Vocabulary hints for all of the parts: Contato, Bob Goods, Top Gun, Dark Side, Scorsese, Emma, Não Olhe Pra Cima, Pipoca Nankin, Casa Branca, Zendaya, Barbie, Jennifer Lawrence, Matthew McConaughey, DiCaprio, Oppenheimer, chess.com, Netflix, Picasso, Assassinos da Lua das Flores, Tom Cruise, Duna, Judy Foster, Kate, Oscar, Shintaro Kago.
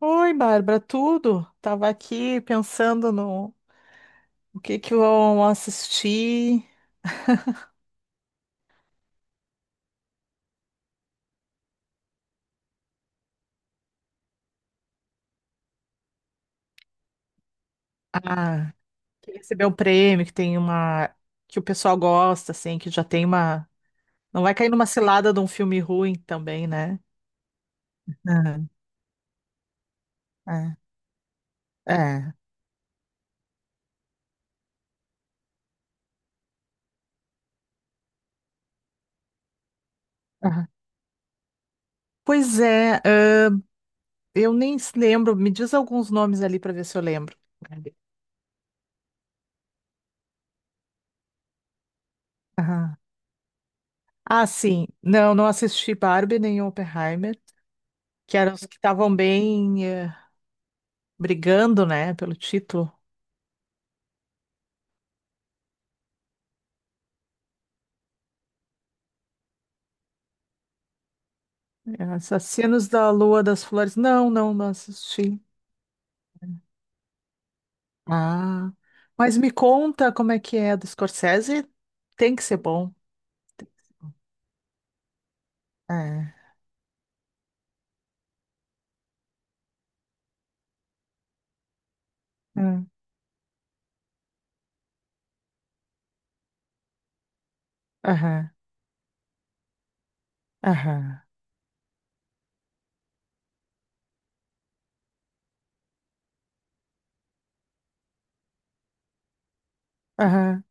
Oi, Bárbara, tudo? Tava aqui pensando no o que vão assistir. Ah, que recebeu o prêmio, que tem uma que o pessoal gosta, assim, que já tem uma. Não vai cair numa cilada de um filme ruim também, né? Ah, é, é. Aham. Pois é, eu nem se lembro. Me diz alguns nomes ali para ver se eu lembro. Aham. Ah, sim. Não, não assisti Barbie nem Oppenheimer, que eram os que estavam bem brigando, né, pelo título. Assassinos da Lua das Flores. Não, não, não assisti. Ah, mas me conta como é que é do Scorsese? Tem que ser bom. É. É. Aham, aham, aham.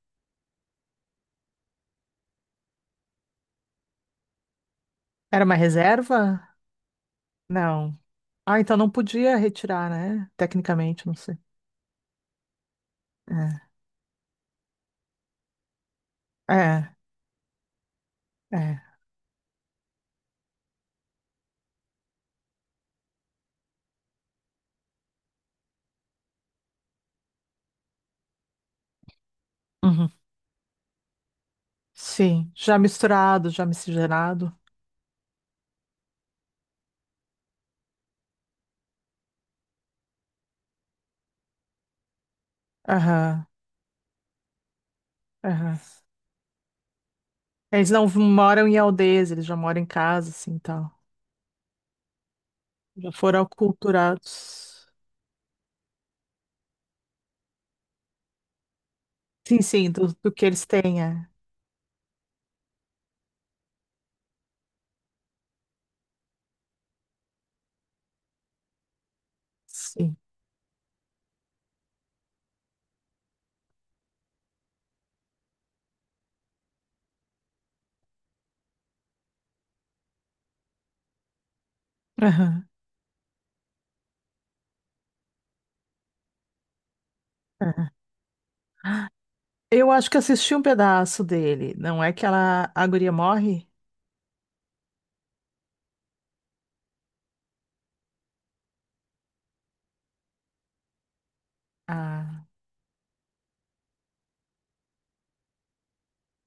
Era uma reserva? Não. Ah, então não podia retirar, né? Tecnicamente, não sei. É, é, é. Uhum. Sim, já misturado, já miscigenado. Aham, aham. Eles não moram em aldeias, eles já moram em casa, assim, tal. Já foram aculturados. Sim, sim, do, do que eles têm, é. Sim. Aham, aham. Eu acho que assisti um pedaço dele. Não é que ela, a guria morre? Ah,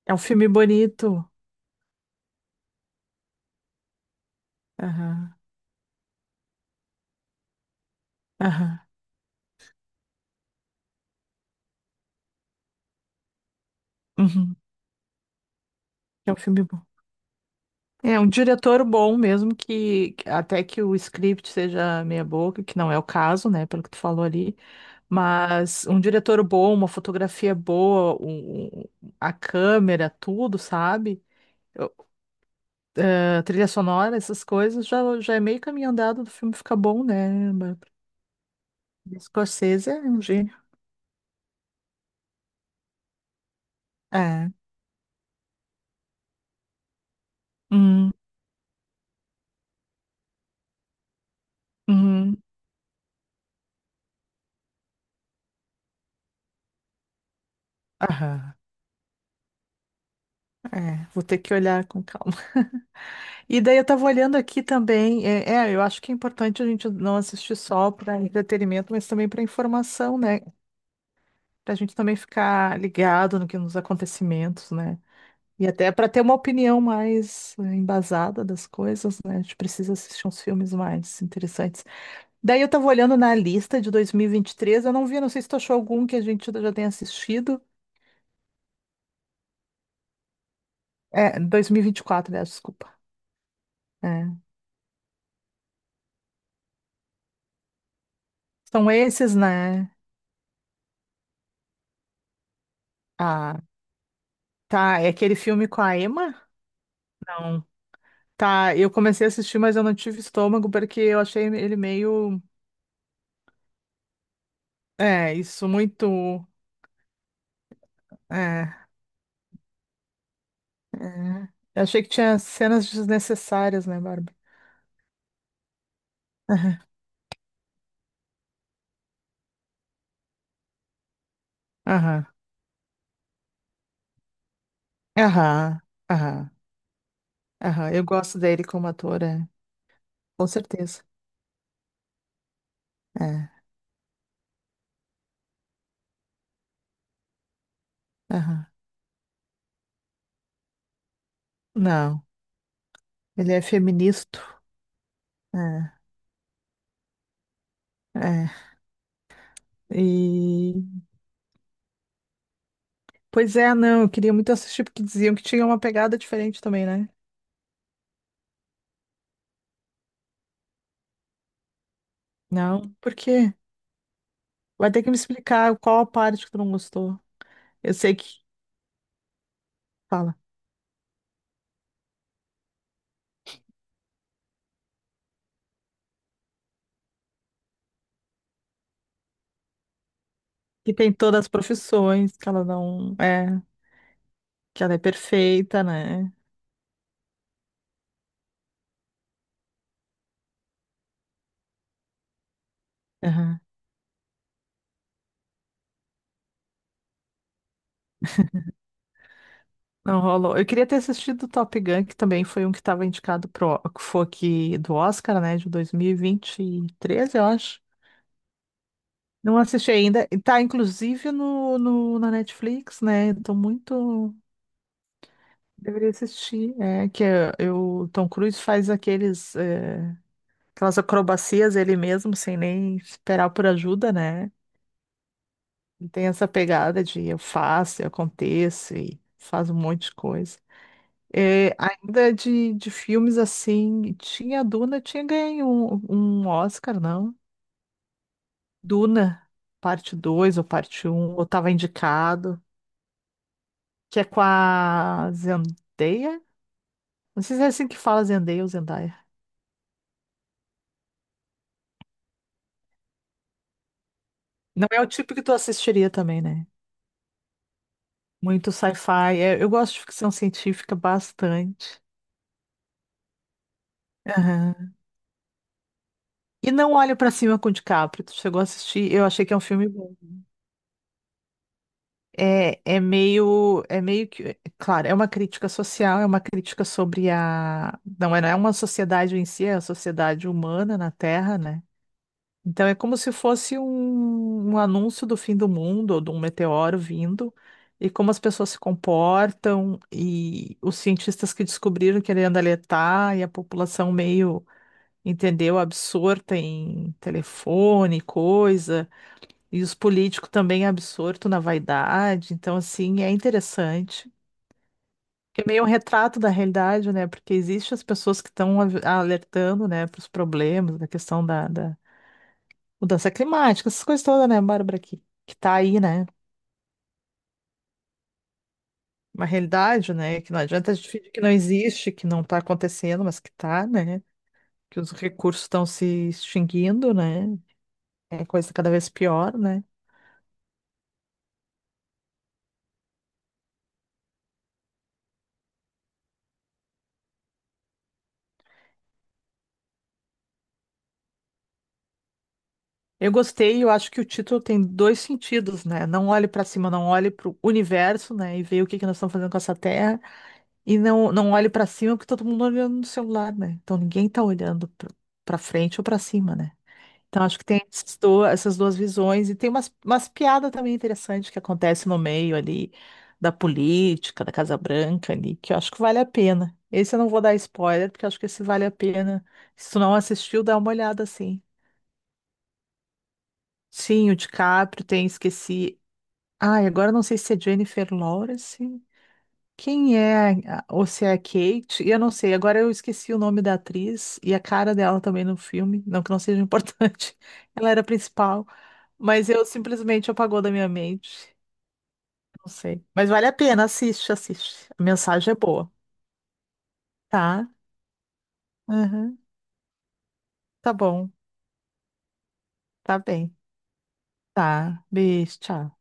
é um filme bonito. Aham, aham. Uhum. É um filme bom. É um diretor bom mesmo, que até que o script seja meia boca, que não é o caso, né, pelo que tu falou ali, mas um diretor bom, uma fotografia boa, um- um- a câmera, tudo, sabe? Trilha sonora, essas coisas, já, já é meio caminho andado do filme ficar bom, né? Mas Scorsese é um gênio. É. Hum, uhum, aham. É, vou ter que olhar com calma. E daí eu tava olhando aqui também. É, é, eu acho que é importante a gente não assistir só para entretenimento, mas também para informação, né? Para a gente também ficar ligado no que nos acontecimentos, né? E até para ter uma opinião mais embasada das coisas, né? A gente precisa assistir uns filmes mais interessantes. Daí eu tava olhando na lista de 2023, eu não vi, não sei se tu achou algum que a gente já tenha assistido. É, 2024, né? Desculpa. É. São esses, né? Ah, tá. É aquele filme com a Emma? Não. Tá, eu comecei a assistir, mas eu não tive estômago porque eu achei ele meio. É, isso muito. É, é. Eu achei que tinha cenas desnecessárias, né, Barbie? Aham, aham, aham, aham. Aham. Eu gosto dele como ator, é. Com certeza. É. Aham. Não, ele é feminista. É, é. E pois é, não, eu queria muito assistir porque diziam que tinha uma pegada diferente também, né? Não, por quê? Vai ter que me explicar qual a parte que tu não gostou. Eu sei que fala que tem todas as profissões, que ela não é, que ela é perfeita, né? Aham. Não rolou. Eu queria ter assistido o Top Gun, que também foi um que estava indicado pro, que foi aqui do Oscar, né, de 2023, eu acho. Não assisti ainda. E tá, inclusive, no, no- na Netflix, né? Tô muito. Deveria assistir. É que é, eu, Tom Cruise faz aqueles, é, aquelas acrobacias ele mesmo, sem nem esperar por ajuda, né? Ele tem essa pegada de eu faço, eu aconteço e faz um monte de coisa. É, ainda de filmes assim, tinha Duna, tinha ganho um, um Oscar, não? Duna, parte 2 ou parte um, ou estava indicado. Que é com a Zendaya. Não sei se é assim que fala Zendaya ou Zendaya. Não é o tipo que tu assistiria também, né? Muito sci-fi. É, eu gosto de ficção científica bastante. Aham. E Não Olhe Pra Cima com o DiCaprio. Tu chegou a assistir? Eu achei que é um filme bom. É, é meio que, é claro, é uma crítica social, é uma crítica sobre a, não é, não é uma sociedade em si, é a sociedade humana na Terra, né? Então é como se fosse um, um anúncio do fim do mundo ou de um meteoro vindo e como as pessoas se comportam e os cientistas que descobriram querendo alertar e a população meio, entendeu, absorta em telefone, coisa, e os políticos também absorto na vaidade. Então assim, é interessante. É meio um retrato da realidade, né? Porque existem as pessoas que estão alertando, né, para os problemas, da questão da, da- Mudança climática, essas coisas todas, né, Bárbara, que tá aí, né? Uma realidade, né? Que não adianta a gente fingir que não existe, que não tá acontecendo, mas que tá, né? Que os recursos estão se extinguindo, né? É coisa cada vez pior, né? Eu gostei, eu acho que o título tem dois sentidos, né? Não olhe para cima, não olhe para o universo, né? E ver o que que nós estamos fazendo com essa Terra. E não, não olhe para cima, porque todo mundo olhando no celular, né? Então ninguém tá olhando para frente ou para cima, né? Então, acho que tem esses do- essas duas visões, e tem umas, umas piadas também interessantes que acontecem no meio ali da política, da Casa Branca ali, que eu acho que vale a pena. Esse eu não vou dar spoiler, porque eu acho que esse vale a pena. Se tu não assistiu, dá uma olhada assim. Sim, o DiCaprio tem, esqueci. Ai, agora eu não sei se é Jennifer Lawrence. Quem é, a- ou se é a Kate, e eu não sei, agora eu esqueci o nome da atriz e a cara dela também no filme, não que não seja importante, ela era a principal, mas eu simplesmente apagou da minha mente, não sei. Mas vale a pena, assiste, assiste, a mensagem é boa, tá? Uhum. Tá bom, tá bem, tá, beijo, tchau.